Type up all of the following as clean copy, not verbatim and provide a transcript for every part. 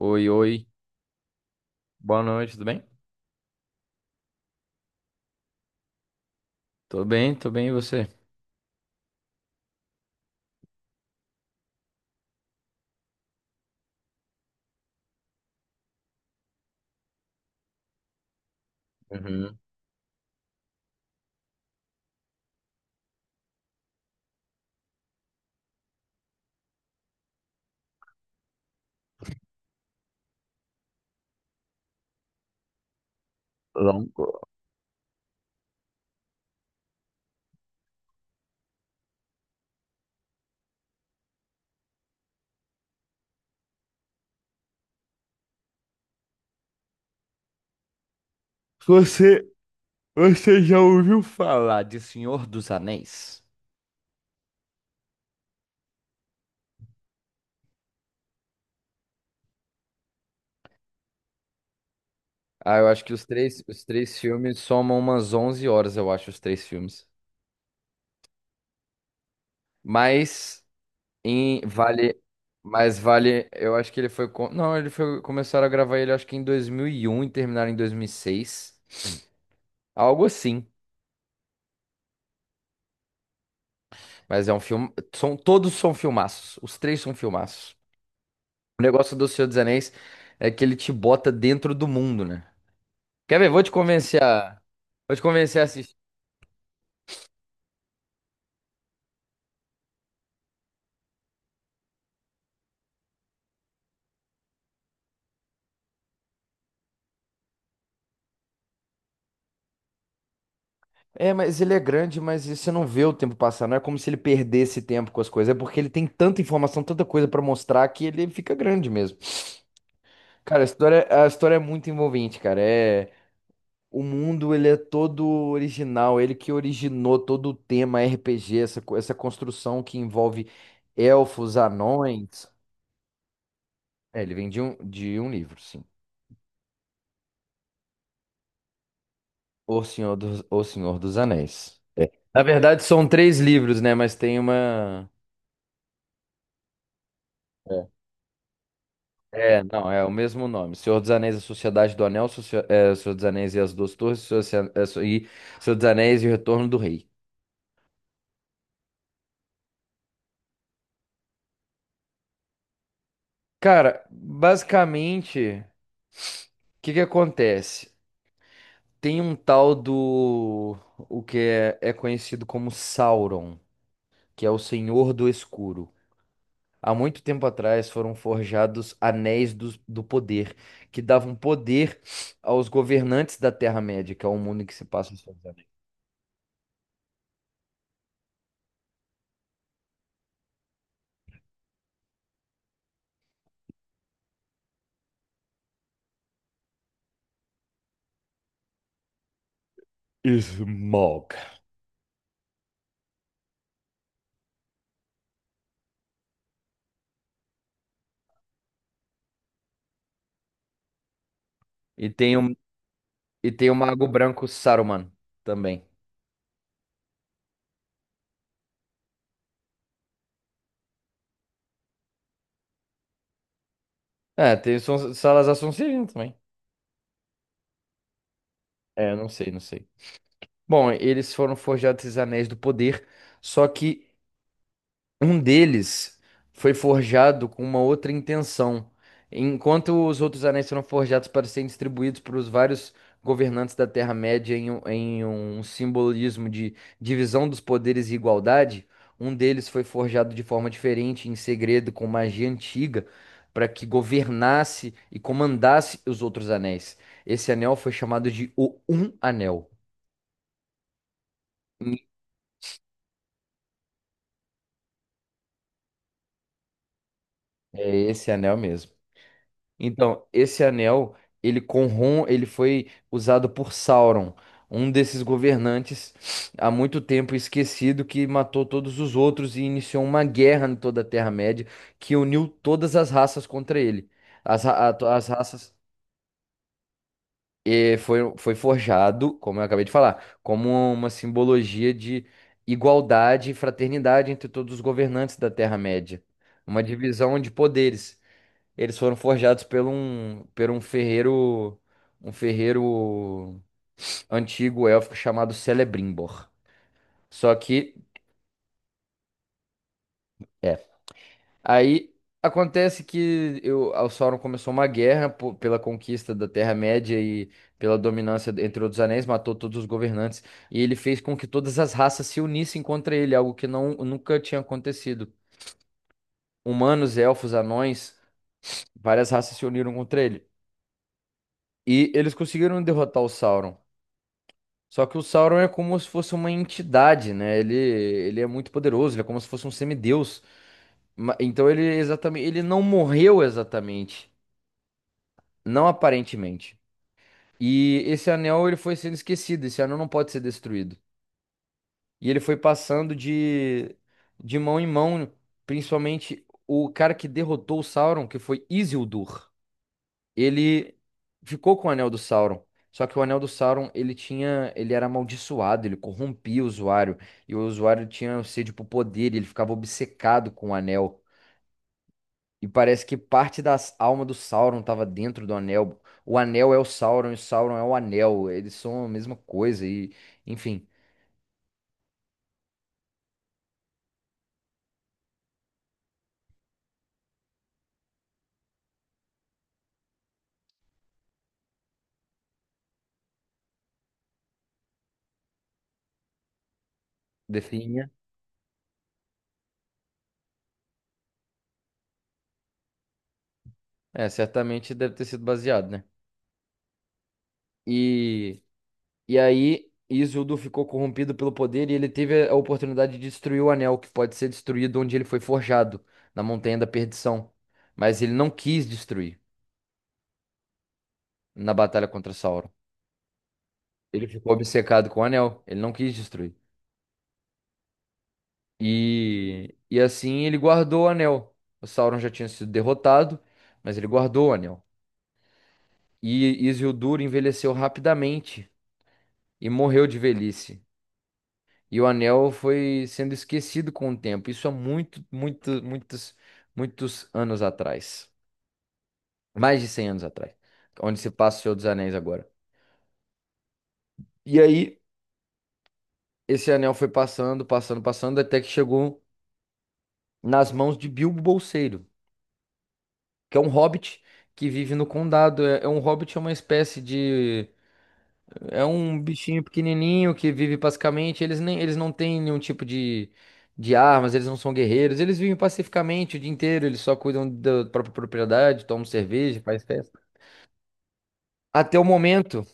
Oi, oi. Boa noite, tudo bem? Tô bem, e você? Uhum. Longo. Você, você já ouviu falar de Senhor dos Anéis? Ah, eu acho que os três filmes somam umas 11 horas, eu acho, os três filmes. Mas em vale, mas vale, eu acho que ele foi, co- não, ele foi, começaram a gravar ele acho que em 2001 e terminaram em 2006. Algo assim. Mas é um filme, são todos são filmaços, os três são filmaços. O negócio do Senhor dos Anéis é que ele te bota dentro do mundo, né? Quer ver? Vou te convencer a assistir. É, mas ele é grande, mas você não vê o tempo passar. Não é como se ele perdesse tempo com as coisas. É porque ele tem tanta informação, tanta coisa pra mostrar que ele fica grande mesmo. Cara, a história é muito envolvente, cara. É, o mundo, ele é todo original. Ele que originou todo o tema RPG, essa construção que envolve elfos, anões. É, ele vem de um livro, sim. O Senhor dos Anéis. É. Na verdade, são três livros, né? Mas tem uma. É. É, não, é o mesmo nome. Senhor dos Anéis, a Sociedade do Anel, Socia- é, Senhor dos Anéis e as Duas Torres, Senhor dos Anéis e o Retorno do Rei. Cara, basicamente, o que que acontece? Tem um tal do, o que é, é conhecido como Sauron, que é o Senhor do Escuro. Há muito tempo atrás foram forjados anéis do poder, que davam poder aos governantes da Terra-média, que é o mundo em que se passa os seus anéis. Smog. E tem o, e tem o Mago Branco Saruman também. Salazar Sonserino também. Não sei. Bom, eles foram forjados esses anéis do poder, só que um deles foi forjado com uma outra intenção, enquanto os outros anéis foram forjados para serem distribuídos para os vários governantes da Terra-média um em um simbolismo de divisão dos poderes e igualdade. Um deles foi forjado de forma diferente, em segredo, com magia antiga, para que governasse e comandasse os outros anéis. Esse anel foi chamado de O Um Anel. É esse anel mesmo. Então, esse anel, ele foi usado por Sauron, um desses governantes há muito tempo esquecido que matou todos os outros e iniciou uma guerra em toda a Terra-média que uniu todas as raças contra ele. As, ra- a- as raças eh, foi, foi forjado, como eu acabei de falar, como uma simbologia de igualdade e fraternidade entre todos os governantes da Terra-média. Uma divisão de poderes. Eles foram forjados por um ferreiro, um ferreiro antigo élfico chamado Celebrimbor. Só que, é. Aí o Sauron começou uma guerra pela conquista da Terra-média e pela dominância entre outros anéis, matou todos os governantes e ele fez com que todas as raças se unissem contra ele, algo que nunca tinha acontecido. Humanos, elfos, anões, várias raças se uniram contra ele. E eles conseguiram derrotar o Sauron. Só que o Sauron é como se fosse uma entidade, né? Ele é muito poderoso, ele é como se fosse um semideus. Então ele não morreu exatamente, não aparentemente. E esse anel ele foi sendo esquecido, esse anel não pode ser destruído. E ele foi passando de mão em mão, principalmente o cara que derrotou o Sauron, que foi Isildur. Ele ficou com o Anel do Sauron. Só que o Anel do Sauron, ele era amaldiçoado, ele corrompia o usuário, e o usuário tinha sede por poder, e ele ficava obcecado com o anel. E parece que parte da alma do Sauron estava dentro do anel. O anel é o Sauron e o Sauron é o anel. Eles são a mesma coisa e, enfim, definha. É, certamente deve ter sido baseado, né? E E aí, Isildur ficou corrompido pelo poder e ele teve a oportunidade de destruir o anel, que pode ser destruído onde ele foi forjado, na Montanha da Perdição. Mas ele não quis destruir na batalha contra Sauron. Ele ficou obcecado com o anel, ele não quis destruir. E assim ele guardou o anel. O Sauron já tinha sido derrotado, mas ele guardou o anel. E Isildur envelheceu rapidamente e morreu de velhice. E o anel foi sendo esquecido com o tempo. Isso há muitos anos atrás. Mais de 100 anos atrás. Onde se passa o Senhor dos Anéis agora. E aí, esse anel foi passando, até que chegou nas mãos de Bilbo Bolseiro, que é um hobbit que vive no condado. É um hobbit, é uma espécie de... É um bichinho pequenininho que vive pacificamente. Eles não têm nenhum tipo de armas, eles não são guerreiros. Eles vivem pacificamente o dia inteiro, eles só cuidam da própria propriedade, tomam cerveja, faz festa. Até o momento,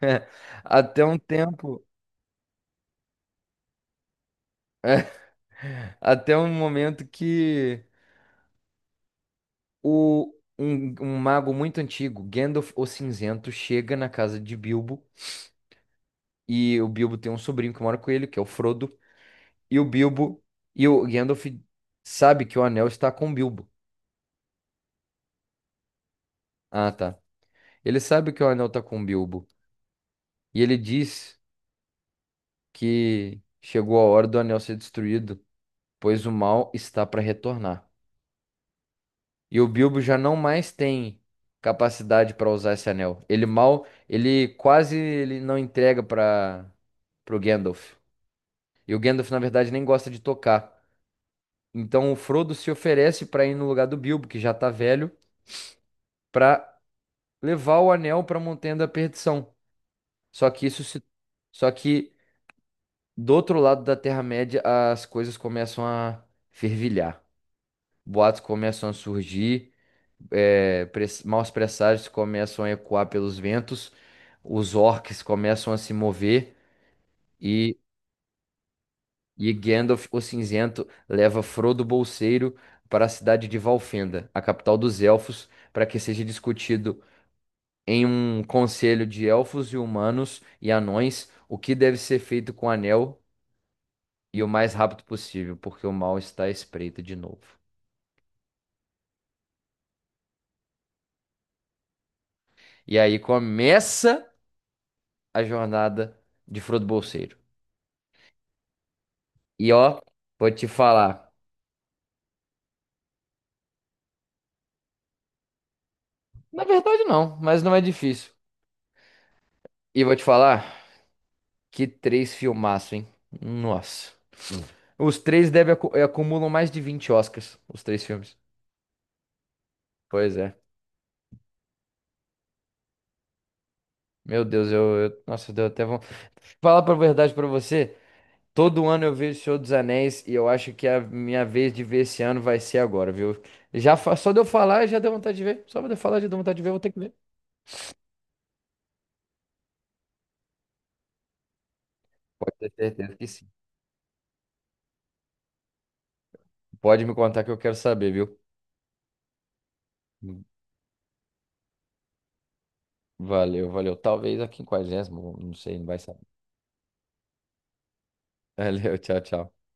até um tempo, até um momento que um mago muito antigo, Gandalf o Cinzento, chega na casa de Bilbo e o Bilbo tem um sobrinho que mora com ele, que é o Frodo, e o Bilbo e o Gandalf sabe que o anel está com o Bilbo. Ah, tá. Ele sabe que o anel tá com o Bilbo. E ele diz que chegou a hora do anel ser destruído, pois o mal está para retornar. E o Bilbo já não mais tem capacidade para usar esse anel. Ele mal, ele quase ele não entrega para pro Gandalf. E o Gandalf, na verdade, nem gosta de tocar. Então o Frodo se oferece para ir no lugar do Bilbo, que já tá velho, para levar o anel para a Montanha da Perdição. Só que isso se Só que do outro lado da Terra-média, as coisas começam a fervilhar. Boatos começam a surgir, maus presságios começam a ecoar pelos ventos, os orcs começam a se mover e, e Gandalf o Cinzento leva Frodo Bolseiro para a cidade de Valfenda, a capital dos elfos, para que seja discutido em um conselho de elfos e humanos e anões o que deve ser feito com o anel, e o mais rápido possível, porque o mal está à espreita de novo. E aí começa a jornada de Frodo Bolseiro. E ó, vou te falar. Na verdade, não, mas não é difícil. E vou te falar que três filmaço, hein? Nossa. Os três acumulam mais de 20 Oscars, os três filmes. Pois é. Meu Deus, nossa, deu até vão falar pra verdade pra você. Todo ano eu vejo o Senhor dos Anéis e eu acho que é a minha vez de ver esse ano vai ser agora, viu? Só de eu falar já deu vontade de ver. Só de eu falar já deu vontade de ver, eu vou ter que ver. Pode ter certeza que sim. Pode me contar que eu quero saber, viu? Valeu. Talvez a quinquagésima, não sei, não vai saber. Valeu, tchau.